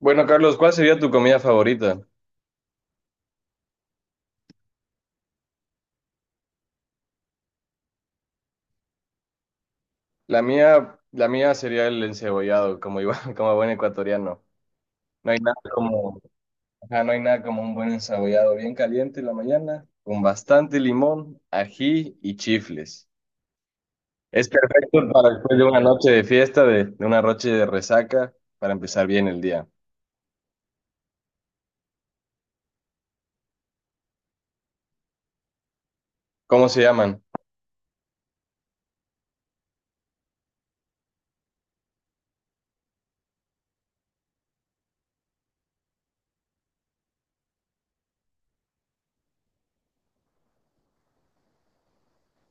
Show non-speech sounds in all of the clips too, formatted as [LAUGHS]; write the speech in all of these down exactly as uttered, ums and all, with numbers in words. Bueno, Carlos, ¿cuál sería tu comida favorita? La mía, la mía sería el encebollado, como iba, [LAUGHS] como buen ecuatoriano. No hay nada como, ajá, no hay nada como un buen encebollado bien caliente en la mañana, con bastante limón, ají y chifles. Es perfecto para después de una noche de fiesta, de, de una noche de resaca, para empezar bien el día. ¿Cómo se llaman?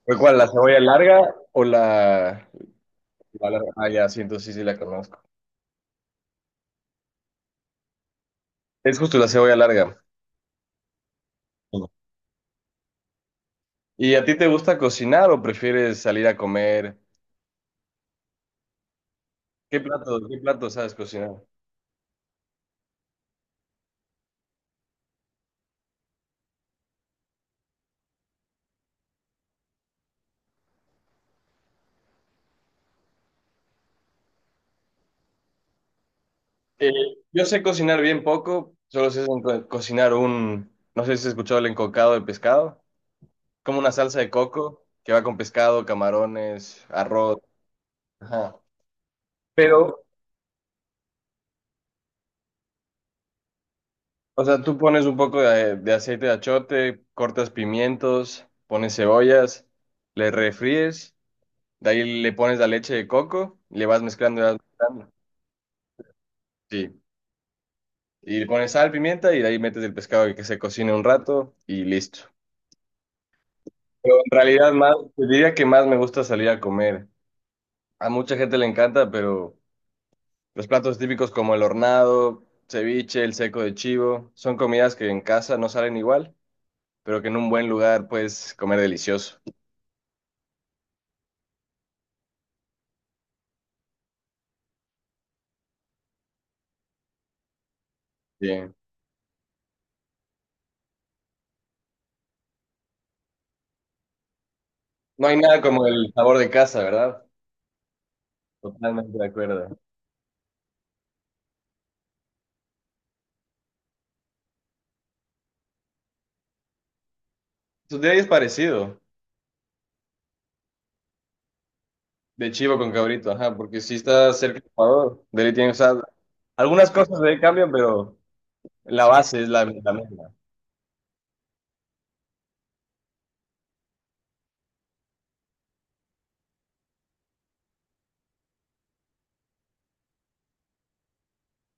¿Fue cuál, la cebolla larga o la, la larga? Ah, ya, sí, entonces sí, sí la conozco. Es justo la cebolla larga. ¿Y a ti te gusta cocinar o prefieres salir a comer? ¿Qué plato, qué plato sabes cocinar? Eh, yo sé cocinar bien poco, solo sé enco- cocinar un, no sé si has escuchado el encocado de pescado, como una salsa de coco que va con pescado, camarones, arroz. Ajá. Pero, o sea, tú pones un poco de, de aceite de achote, cortas pimientos, pones cebollas, le refríes, de ahí le pones la leche de coco, le vas mezclando y vas mezclando. Sí. Y le pones sal, pimienta y de ahí metes el pescado y que se cocine un rato y listo. Pero en realidad más, te diría que más me gusta salir a comer. A mucha gente le encanta, pero los platos típicos como el hornado, ceviche, el seco de chivo, son comidas que en casa no salen igual, pero que en un buen lugar puedes comer delicioso. Bien. No hay nada como el sabor de casa, ¿verdad? Totalmente de acuerdo. Tu día es parecido, de chivo con cabrito, ajá, porque si está cerca de Ecuador, de tiene, o sea, algunas cosas de ahí cambian, pero... La base es la, la misma.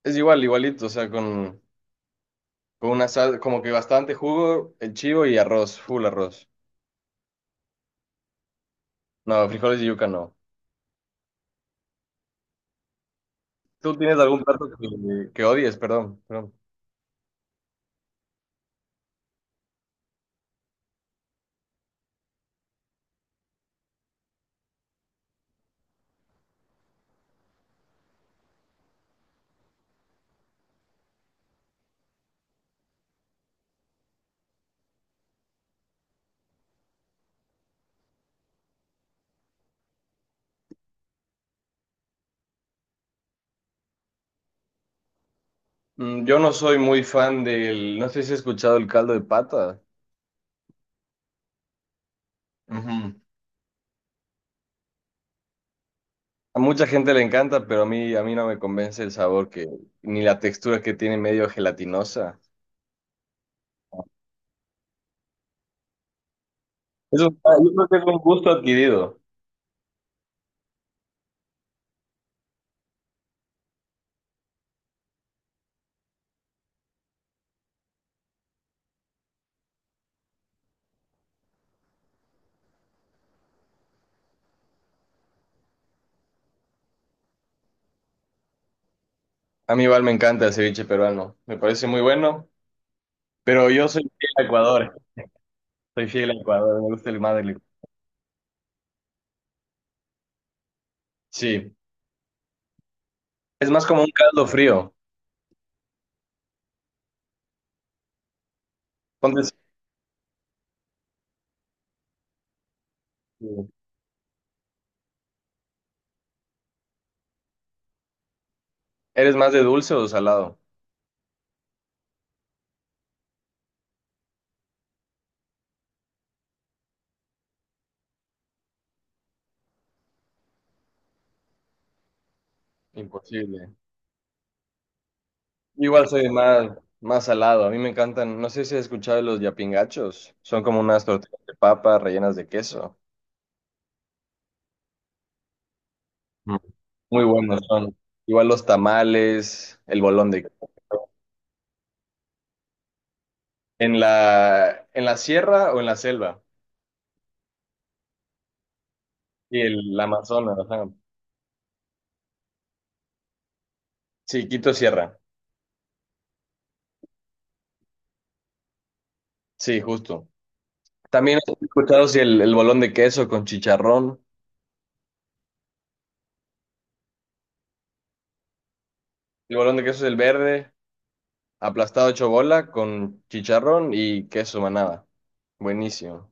Es igual, igualito, o sea, con, con una sal, como que bastante jugo, el chivo y arroz, full arroz. No, frijoles y yuca no. ¿Tú tienes algún plato que, que odies? Perdón, perdón. Mm, yo no soy muy fan del, no sé si has escuchado el caldo de pata. Ujú. A mucha gente le encanta, pero a mí, a mí no me convence el sabor que, ni la textura que tiene medio gelatinosa. Eso, yo creo que es un gusto adquirido. A mí igual me encanta el ceviche peruano, me parece muy bueno, pero yo soy fiel a Ecuador. Soy fiel a Ecuador, me gusta el más del- Sí, es más como un caldo frío. Entonces, ¿eres más de dulce o salado? Imposible. Igual soy más, más salado. A mí me encantan, no sé si has escuchado de los yapingachos. Son como unas tortillas de papa rellenas de queso. Mm. Muy buenos son. Igual los tamales, el bolón de queso. ¿En la, en la sierra o en la selva? Y el, la Amazonas, ajá. Sí, Quito Sierra. Sí, justo. También he escuchado si el, el bolón de queso con chicharrón. El bolón de queso es el verde, aplastado hecho bola con chicharrón y queso manada. Buenísimo.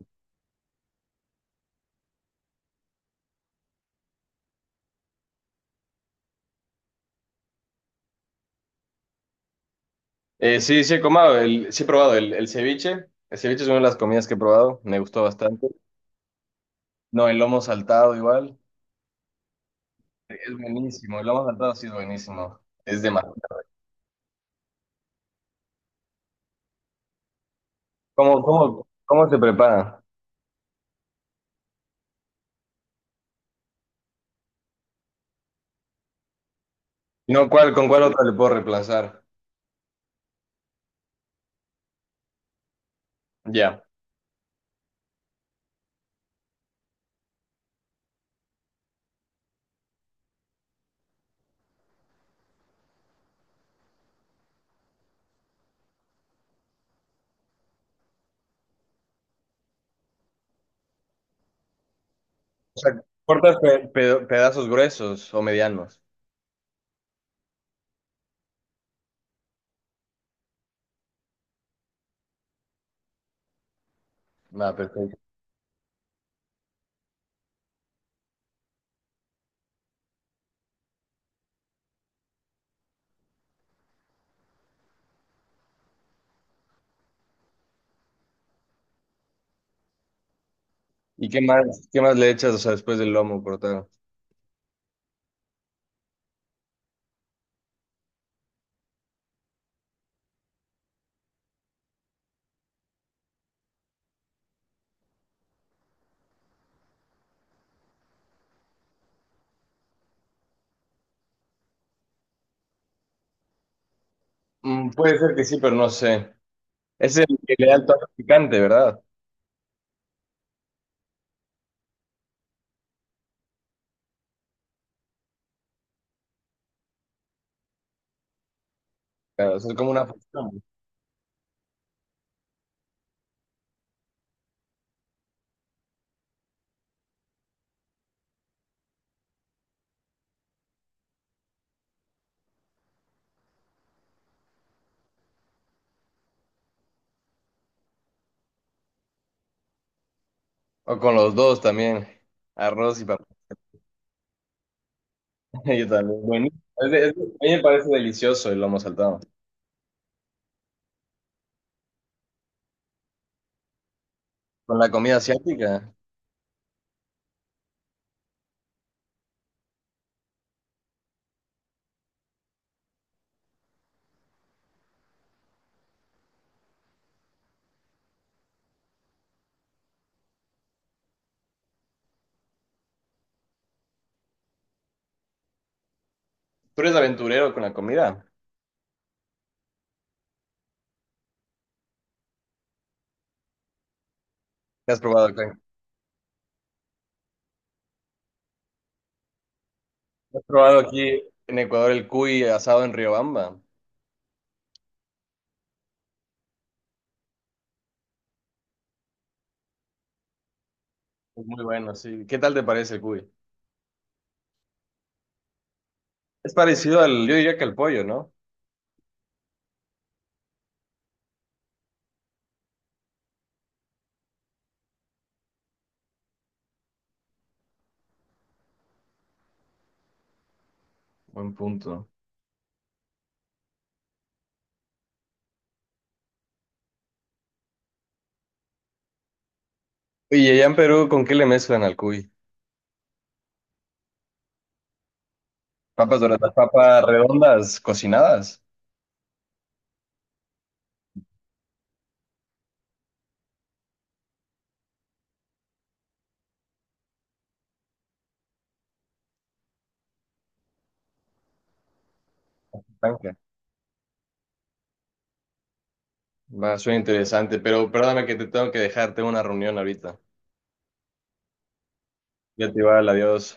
Eh, sí, sí he comado, el- sí he probado el, el ceviche. El ceviche es una de las comidas que he probado, me gustó bastante. No, el lomo saltado igual. Es buenísimo, el lomo saltado sí es buenísimo. Es demasiado. ¿Cómo, cómo, cómo se prepara? No, ¿cuál, con cuál otro le puedo reemplazar? Ya. O sea, cortas pe- pe- pedazos gruesos o medianos. Va, perfecto. ¿Y qué más, qué más le echas, o sea, después del lomo cortado? Mm, puede ser que sí, pero no sé. Es el que le da el toque picante, ¿verdad? Claro, o sea, es como una fusión. O con los dos también. Arroz y papá. [LAUGHS] Yo también. Bueno, es de- es de- a mí me parece delicioso el lomo saltado. Con la comida asiática. ¿Tú eres aventurero con la comida? ¿Qué has probado acá? ¿Has probado aquí en Ecuador el cuy asado en Riobamba? Es muy bueno, sí. ¿Qué tal te parece el cuy? Es parecido al, yo diría que al pollo, ¿no? Buen punto. Y allá en Perú, ¿con qué le mezclan al cuy? Papas doradas, papas redondas, cocinadas. Blanca. Va, suena interesante, pero perdóname que te tengo que dejar, tengo una reunión ahorita. Ya te va, adiós.